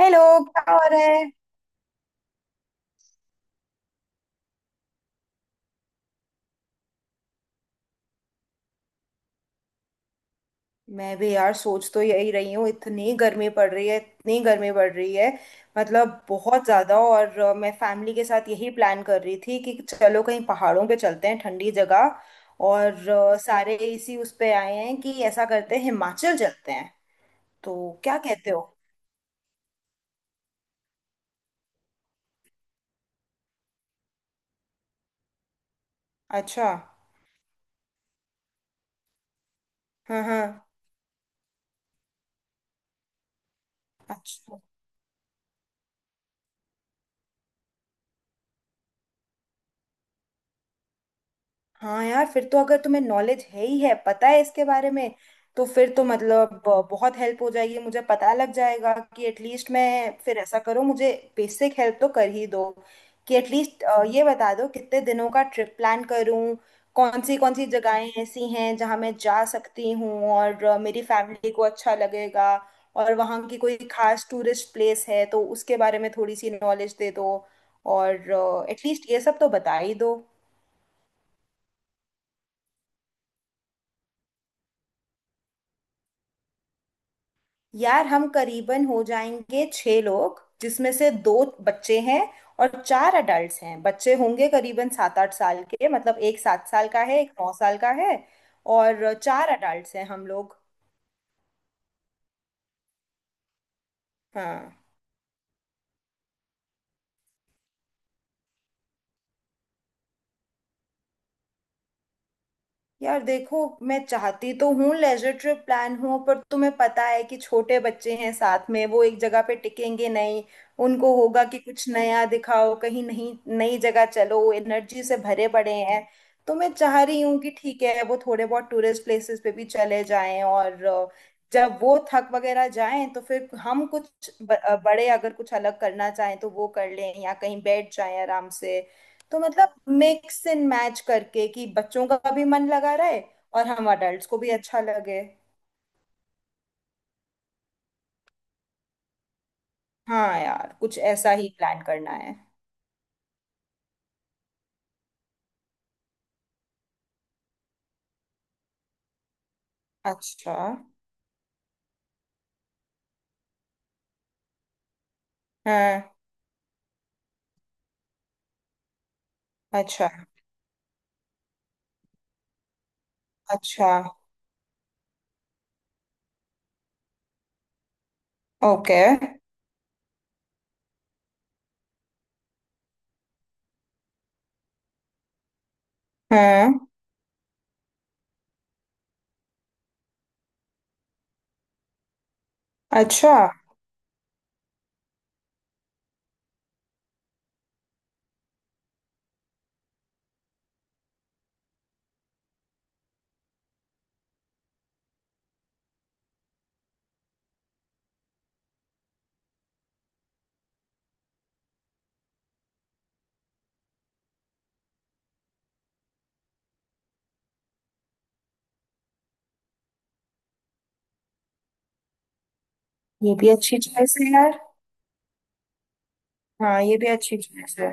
Hello. क्या हो रहा है? मैं भी यार सोच तो यही रही हूँ, इतनी गर्मी पड़ रही है, इतनी गर्मी पड़ रही है, मतलब बहुत ज्यादा। और मैं फैमिली के साथ यही प्लान कर रही थी कि चलो कहीं पहाड़ों पे चलते हैं, ठंडी जगह। और सारे इसी उस पे आए हैं कि ऐसा करते हैं, हिमाचल चलते हैं। तो क्या कहते हो? अच्छा। हाँ हाँ। अच्छा। हाँ यार, फिर तो अगर तुम्हें नॉलेज है ही है, पता है इसके बारे में, तो फिर तो मतलब बहुत हेल्प हो जाएगी। मुझे पता लग जाएगा कि एटलीस्ट मैं फिर ऐसा करो मुझे। बेसिक हेल्प तो कर ही दो, कि एटलीस्ट ये बता दो कितने दिनों का ट्रिप प्लान करूं, कौन सी जगहें ऐसी हैं जहां मैं जा सकती हूँ और मेरी फैमिली को अच्छा लगेगा। और वहाँ की कोई खास टूरिस्ट प्लेस है तो उसके बारे में थोड़ी सी नॉलेज दे दो। और एटलीस्ट ये सब तो बता ही दो। यार, हम करीबन हो जाएंगे छह लोग, जिसमें से दो बच्चे हैं और चार अडल्ट हैं। बच्चे होंगे करीबन 7 8 साल के, मतलब एक 7 साल का है, एक 9 साल का है। और चार अडल्ट हैं हम लोग। हाँ। यार देखो, मैं चाहती तो हूँ लेजर ट्रिप प्लान हो, पर तुम्हें पता है कि छोटे बच्चे हैं साथ में, वो एक जगह पे टिकेंगे नहीं। उनको होगा कि कुछ नया दिखाओ, कहीं नहीं, नई जगह चलो, एनर्जी से भरे पड़े हैं। तो मैं चाह रही हूँ कि ठीक है वो थोड़े बहुत टूरिस्ट प्लेसेस पे भी चले जाएं और जब वो थक वगैरह जाएं तो फिर हम कुछ बड़े अगर कुछ अलग करना चाहें तो वो कर लें, या कहीं बैठ जाएं आराम से। तो मतलब मिक्स एंड मैच करके, कि बच्चों का भी मन लगा रहे और हम अडल्ट्स को भी अच्छा लगे। हाँ यार, कुछ ऐसा ही प्लान करना है। अच्छा। हाँ। अच्छा। अच्छा। ओके। हाँ। अच्छा। ये भी अच्छी चॉइस है यार। हाँ, ये भी अच्छी चॉइस है।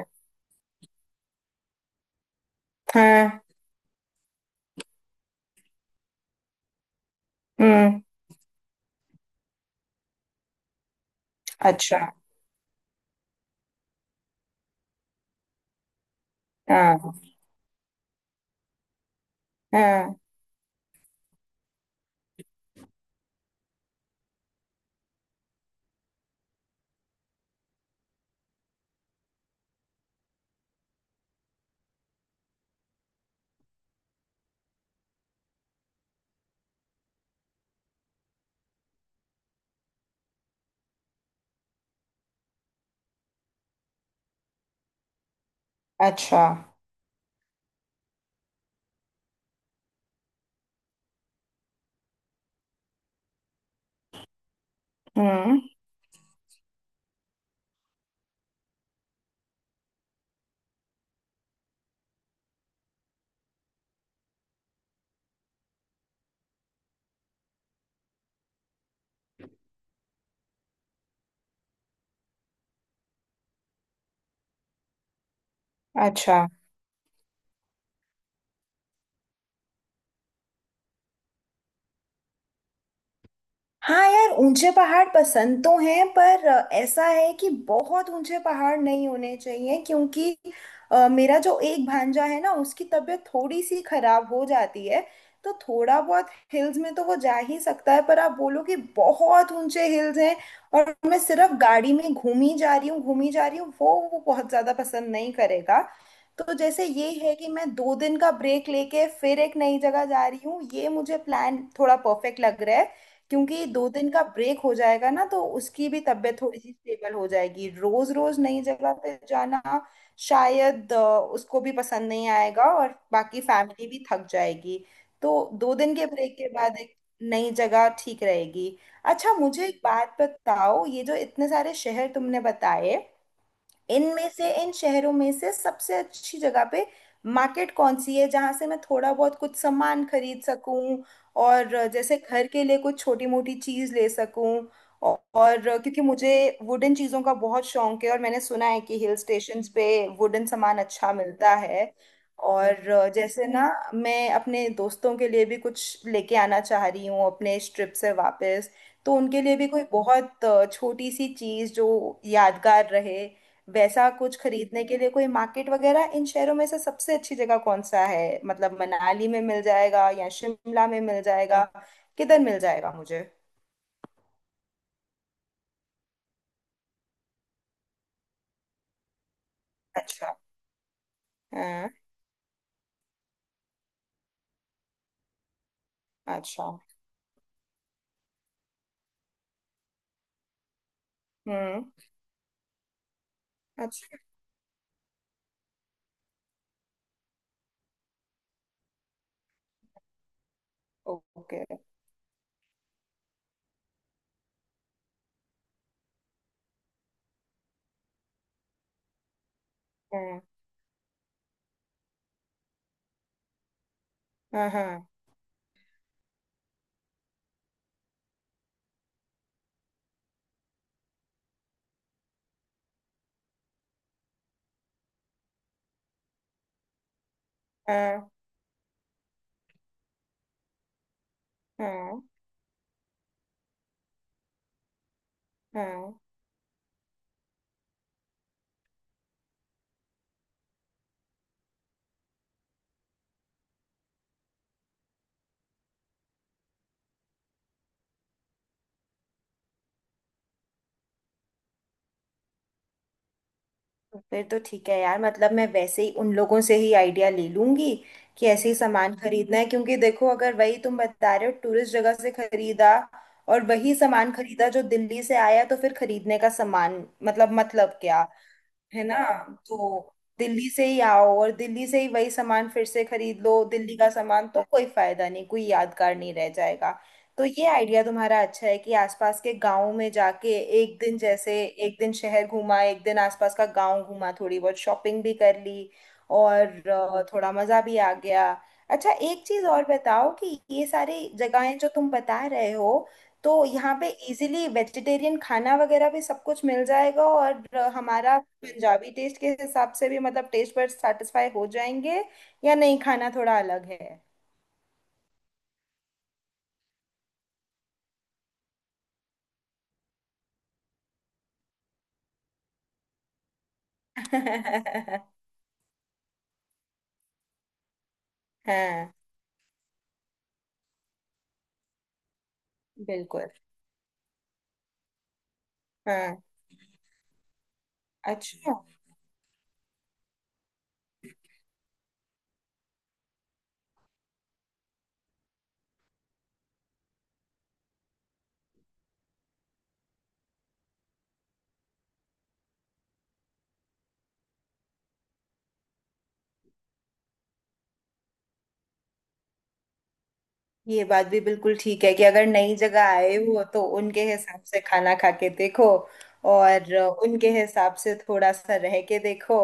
हाँ। हम्म। अच्छा। हाँ हाँ। अच्छा। हम्म। अच्छा। हाँ यार, ऊंचे पहाड़ पसंद तो हैं, पर ऐसा है कि बहुत ऊंचे पहाड़ नहीं होने चाहिए, क्योंकि मेरा जो एक भांजा है ना, उसकी तबीयत थोड़ी सी खराब हो जाती है। तो थोड़ा बहुत हिल्स में तो वो जा ही सकता है, पर आप बोलो कि बहुत ऊंचे हिल्स हैं और मैं सिर्फ गाड़ी में घूमी जा रही हूँ, घूमी जा रही हूँ, वो बहुत ज्यादा पसंद नहीं करेगा। तो जैसे ये है कि मैं 2 दिन का ब्रेक लेके फिर एक नई जगह जा रही हूँ, ये मुझे प्लान थोड़ा परफेक्ट लग रहा है। क्योंकि 2 दिन का ब्रेक हो जाएगा ना, तो उसकी भी तबीयत थोड़ी सी स्टेबल हो जाएगी। रोज रोज नई जगह पे जाना शायद उसको भी पसंद नहीं आएगा और बाकी फैमिली भी थक जाएगी। तो 2 दिन के ब्रेक के बाद एक नई जगह ठीक रहेगी। अच्छा मुझे एक बात बताओ, ये जो इतने सारे शहर तुमने बताए, इनमें से इन शहरों में से सबसे अच्छी जगह पे मार्केट कौन सी है, जहां से मैं थोड़ा बहुत कुछ सामान खरीद सकूं और जैसे घर के लिए कुछ छोटी मोटी चीज ले सकूं। और क्योंकि मुझे वुडन चीजों का बहुत शौक है और मैंने सुना है कि हिल स्टेशंस पे वुडन सामान अच्छा मिलता है। और जैसे ना, मैं अपने दोस्तों के लिए भी कुछ लेके आना चाह रही हूँ अपने इस ट्रिप से वापस। तो उनके लिए भी कोई बहुत छोटी सी चीज जो यादगार रहे, वैसा कुछ खरीदने के लिए कोई मार्केट वगैरह, इन शहरों में से सबसे अच्छी जगह कौन सा है? मतलब मनाली में मिल जाएगा या शिमला में मिल जाएगा, किधर मिल जाएगा मुझे? अच्छा। हाँ। अच्छा। हम्म। अच्छा। ओके। हाँ हाँ। हाँ हाँ। हाँ हाँ। फिर तो ठीक है यार, मतलब मैं वैसे ही उन लोगों से ही आइडिया ले लूंगी कि ऐसे ही सामान खरीदना है। क्योंकि देखो, अगर वही तुम बता रहे हो टूरिस्ट जगह से खरीदा और वही सामान खरीदा जो दिल्ली से आया, तो फिर खरीदने का सामान मतलब क्या? है ना? तो दिल्ली से ही आओ और दिल्ली से ही वही सामान फिर से खरीद लो, दिल्ली का सामान, तो कोई फायदा नहीं, कोई यादगार नहीं रह जाएगा। तो ये आइडिया तुम्हारा अच्छा है कि आसपास के गांव में जाके एक दिन, जैसे एक दिन शहर घूमा, एक दिन आसपास का गांव घूमा, थोड़ी बहुत शॉपिंग भी कर ली और थोड़ा मजा भी आ गया। अच्छा एक चीज और बताओ कि ये सारी जगहें जो तुम बता रहे हो, तो यहाँ पे इजीली वेजिटेरियन खाना वगैरह भी सब कुछ मिल जाएगा? और हमारा पंजाबी टेस्ट के हिसाब से भी, मतलब टेस्ट बड्स सेटिस्फाई हो जाएंगे या नहीं, खाना थोड़ा अलग है? हाँ बिल्कुल। हाँ। अच्छा, ये बात भी बिल्कुल ठीक है कि अगर नई जगह आए हो तो उनके हिसाब से खाना खा के देखो और उनके हिसाब से थोड़ा सा रह के देखो,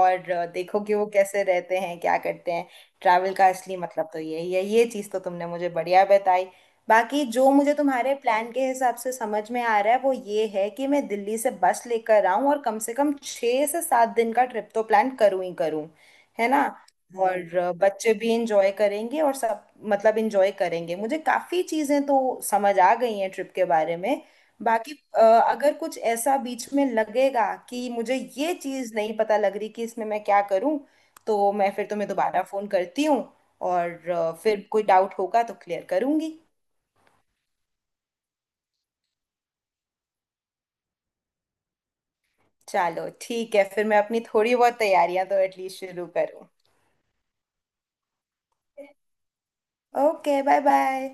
और देखो कि वो कैसे रहते हैं, क्या करते हैं। ट्रैवल का असली मतलब तो यही है। ये चीज़ तो तुमने मुझे बढ़िया बताई। बाकी जो मुझे तुम्हारे प्लान के हिसाब से समझ में आ रहा है वो ये है कि मैं दिल्ली से बस लेकर आऊं और कम से कम 6 से 7 दिन का ट्रिप तो प्लान करूं ही करूं, है ना? और बच्चे भी इंजॉय करेंगे और सब, मतलब इंजॉय करेंगे। मुझे काफी चीजें तो समझ आ गई हैं ट्रिप के बारे में। बाकी अगर कुछ ऐसा बीच में लगेगा कि मुझे ये चीज नहीं पता लग रही कि इसमें मैं क्या करूं, तो मैं फिर तुम्हें दोबारा फोन करती हूँ और फिर कोई डाउट होगा तो क्लियर करूंगी। चलो ठीक है, फिर मैं अपनी थोड़ी बहुत तैयारियां तो एटलीस्ट शुरू करूँ। Okay bye bye.